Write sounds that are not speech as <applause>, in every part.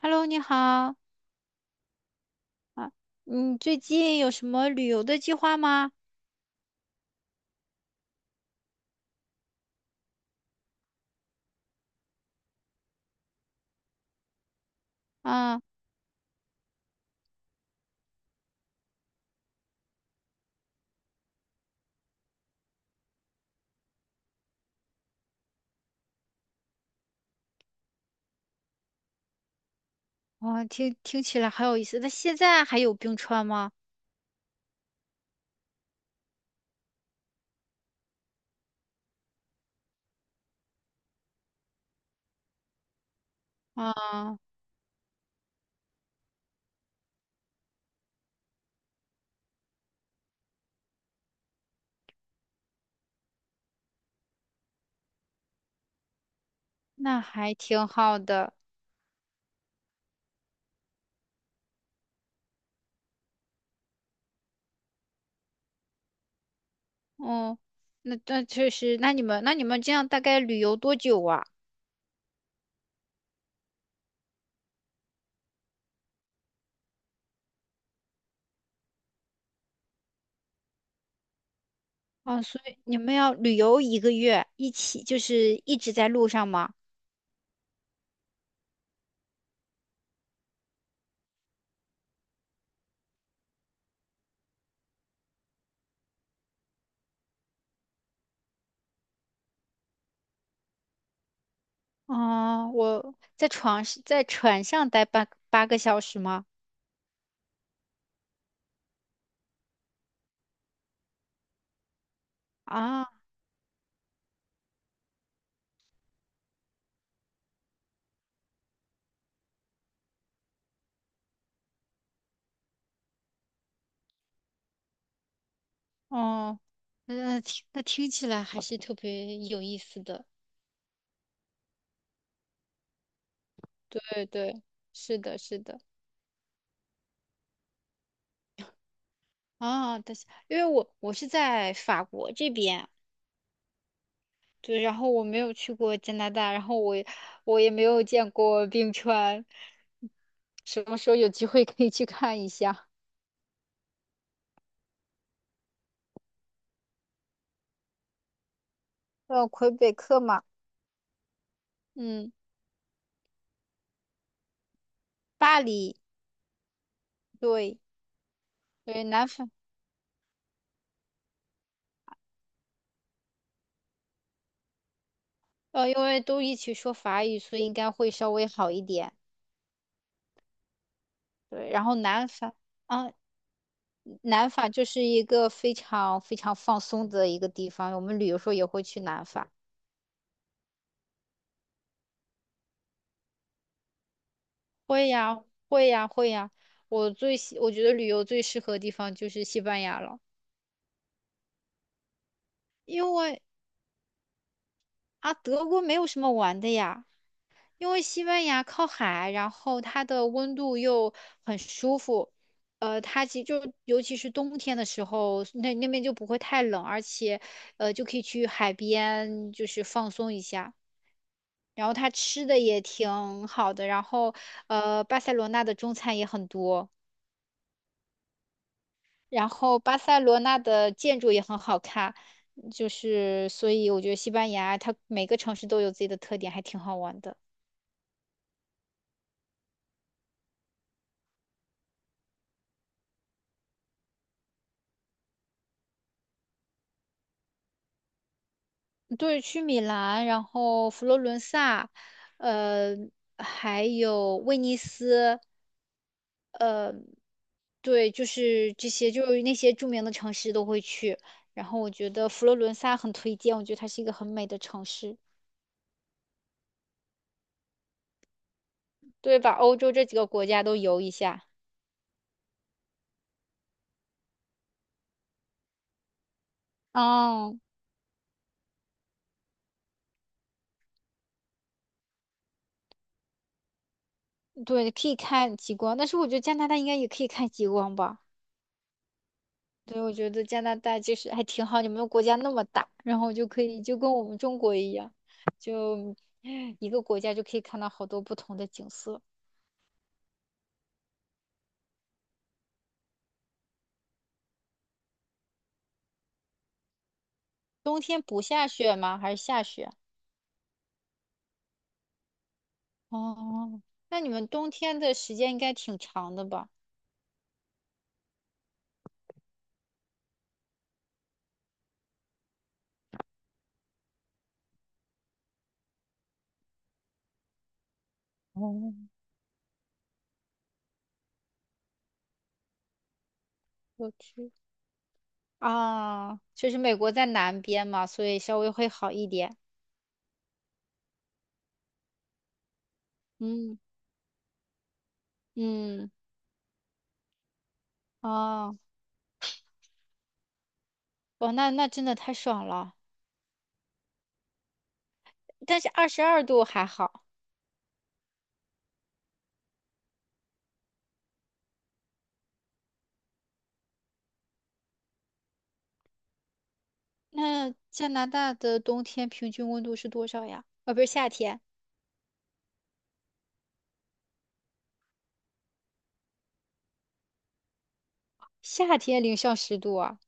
Hello，你好啊，你最近有什么旅游的计划吗？啊，哇，听起来很有意思。那现在还有冰川吗？啊，那还挺好的。哦，那确实，那你们这样大概旅游多久啊？啊，所以你们要旅游一个月，一起就是一直在路上吗？啊，我在床在船上待八个小时吗？啊。哦，那听起来还是特别有意思的。对对，是的，是的。啊，但是因为我是在法国这边，对，然后我没有去过加拿大，然后我也没有见过冰川，什么时候有机会可以去看一下？魁北克嘛，嗯，巴黎，对，对，南法，因为都一起说法语，所以应该会稍微好一点。对，然后南法，啊，南法就是一个非常非常放松的一个地方，我们旅游时候也会去南法。会呀，会呀，会呀。我最喜，我觉得旅游最适合的地方就是西班牙了，因为啊，德国没有什么玩的呀，因为西班牙靠海，然后它的温度又很舒服，它其实就尤其是冬天的时候，那那边就不会太冷，而且就可以去海边就是放松一下。然后他吃的也挺好的，然后巴塞罗那的中餐也很多，然后巴塞罗那的建筑也很好看，就是所以我觉得西班牙它每个城市都有自己的特点，还挺好玩的。对，去米兰，然后佛罗伦萨，呃，还有威尼斯，对，就是这些，就是那些著名的城市都会去。然后我觉得佛罗伦萨很推荐，我觉得它是一个很美的城市。对，把欧洲这几个国家都游一下。嗯，对，可以看极光，但是我觉得加拿大应该也可以看极光吧？对，我觉得加拿大就是还挺好，你们国家那么大，然后就可以就跟我们中国一样，就 <sighs> 一个国家就可以看到好多不同的景色。冬天不下雪吗？还是下雪？哦，那你们冬天的时间应该挺长的吧？哦，我去，啊，就是美国在南边嘛，所以稍微会好一点。嗯。嗯，哦，哇，那那真的太爽了。但是22度还好。那加拿大的冬天平均温度是多少呀？啊，不是夏天，夏天零上10度啊。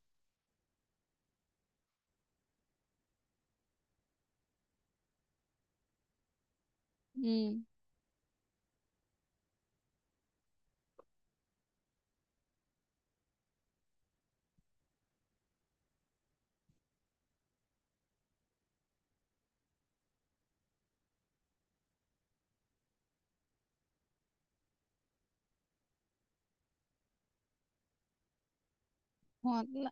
嗯，哇，那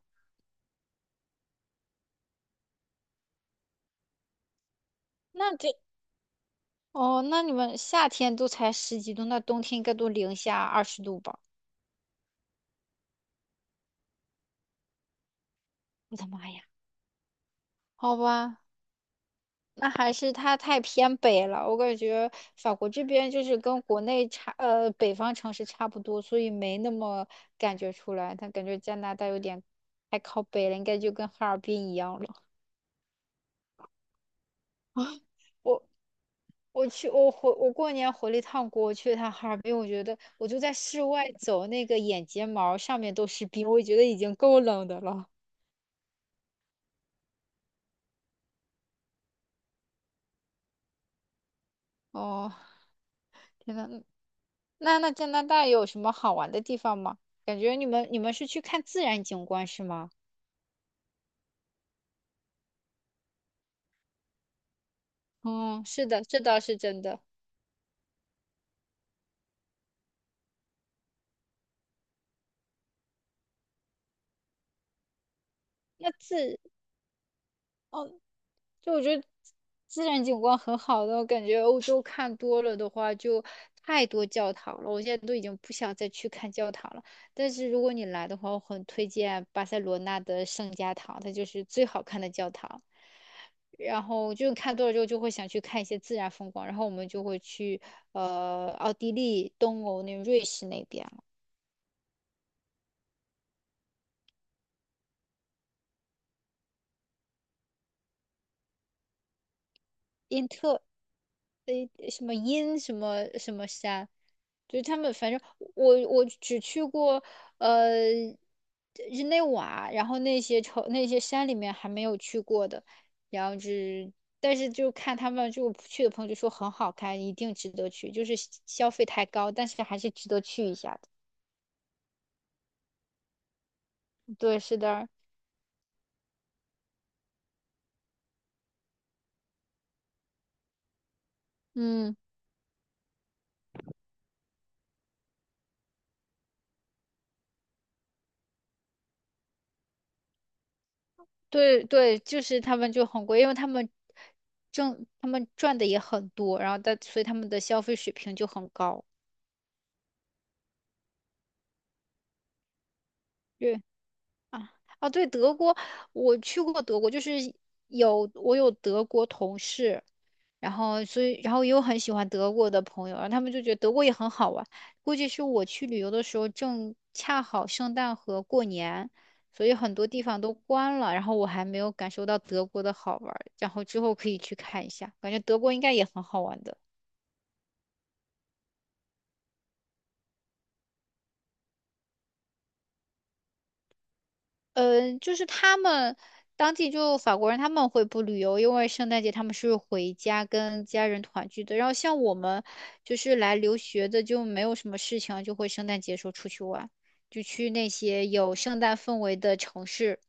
那这哦，那你们夏天都才十几度，那冬天应该都零下20度吧？我的妈呀！好吧，那还是它太偏北了，我感觉法国这边就是跟国内差，北方城市差不多，所以没那么感觉出来。但感觉加拿大有点太靠北了，应该就跟哈尔滨一样了。我我过年回了一趟国，我去了趟哈尔滨，我觉得我就在室外走，那个眼睫毛上面都是冰，我觉得已经够冷的了。哦，天呐，那加拿大有什么好玩的地方吗？感觉你们是去看自然景观是吗？嗯，是的，这倒是真的。那自，哦，就我觉得自然景观很好的，我感觉欧洲看多了的话，就太多教堂了。我现在都已经不想再去看教堂了。但是如果你来的话，我很推荐巴塞罗那的圣家堂，它就是最好看的教堂。然后就看多了之后，就会想去看一些自然风光。然后我们就会去奥地利、东欧那瑞士那边。什么阴什么什么山，就是他们反正我只去过呃日内瓦，然后那些城那些山里面还没有去过的，然后就是但是就看他们就去的朋友就说很好看，一定值得去，就是消费太高，但是还是值得去一下的。对，是的。嗯，对对，就是他们就很贵，因为他们赚的也很多，然后所以他们的消费水平就很高。对。啊啊，对，德国，我去过德国，就是我有德国同事，所以也有很喜欢德国的朋友，然后他们就觉得德国也很好玩。估计是我去旅游的时候正恰好圣诞和过年，所以很多地方都关了，然后我还没有感受到德国的好玩儿然后之后可以去看一下，感觉德国应该也很好玩的。就是他们当地就法国人他们会不旅游，因为圣诞节他们是回家跟家人团聚的。然后像我们就是来留学的，就没有什么事情，就会圣诞节时候出去玩，就去那些有圣诞氛围的城市。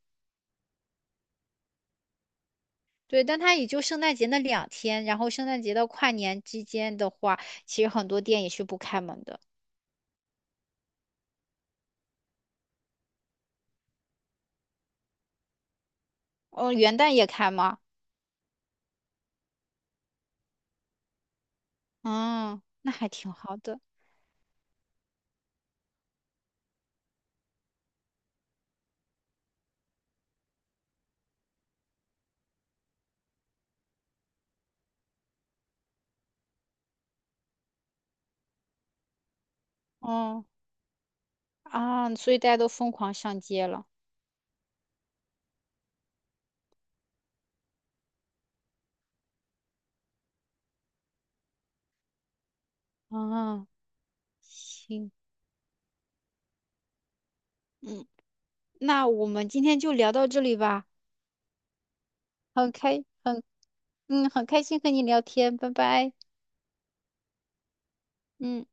对，但它也就圣诞节那两天，然后圣诞节到跨年之间的话，其实很多店也是不开门的。哦，元旦也开吗？嗯，那还挺好的。哦啊，所以大家都疯狂上街了。啊。行，嗯，那我们今天就聊到这里吧，很开，很，很开心和你聊天，拜拜。嗯。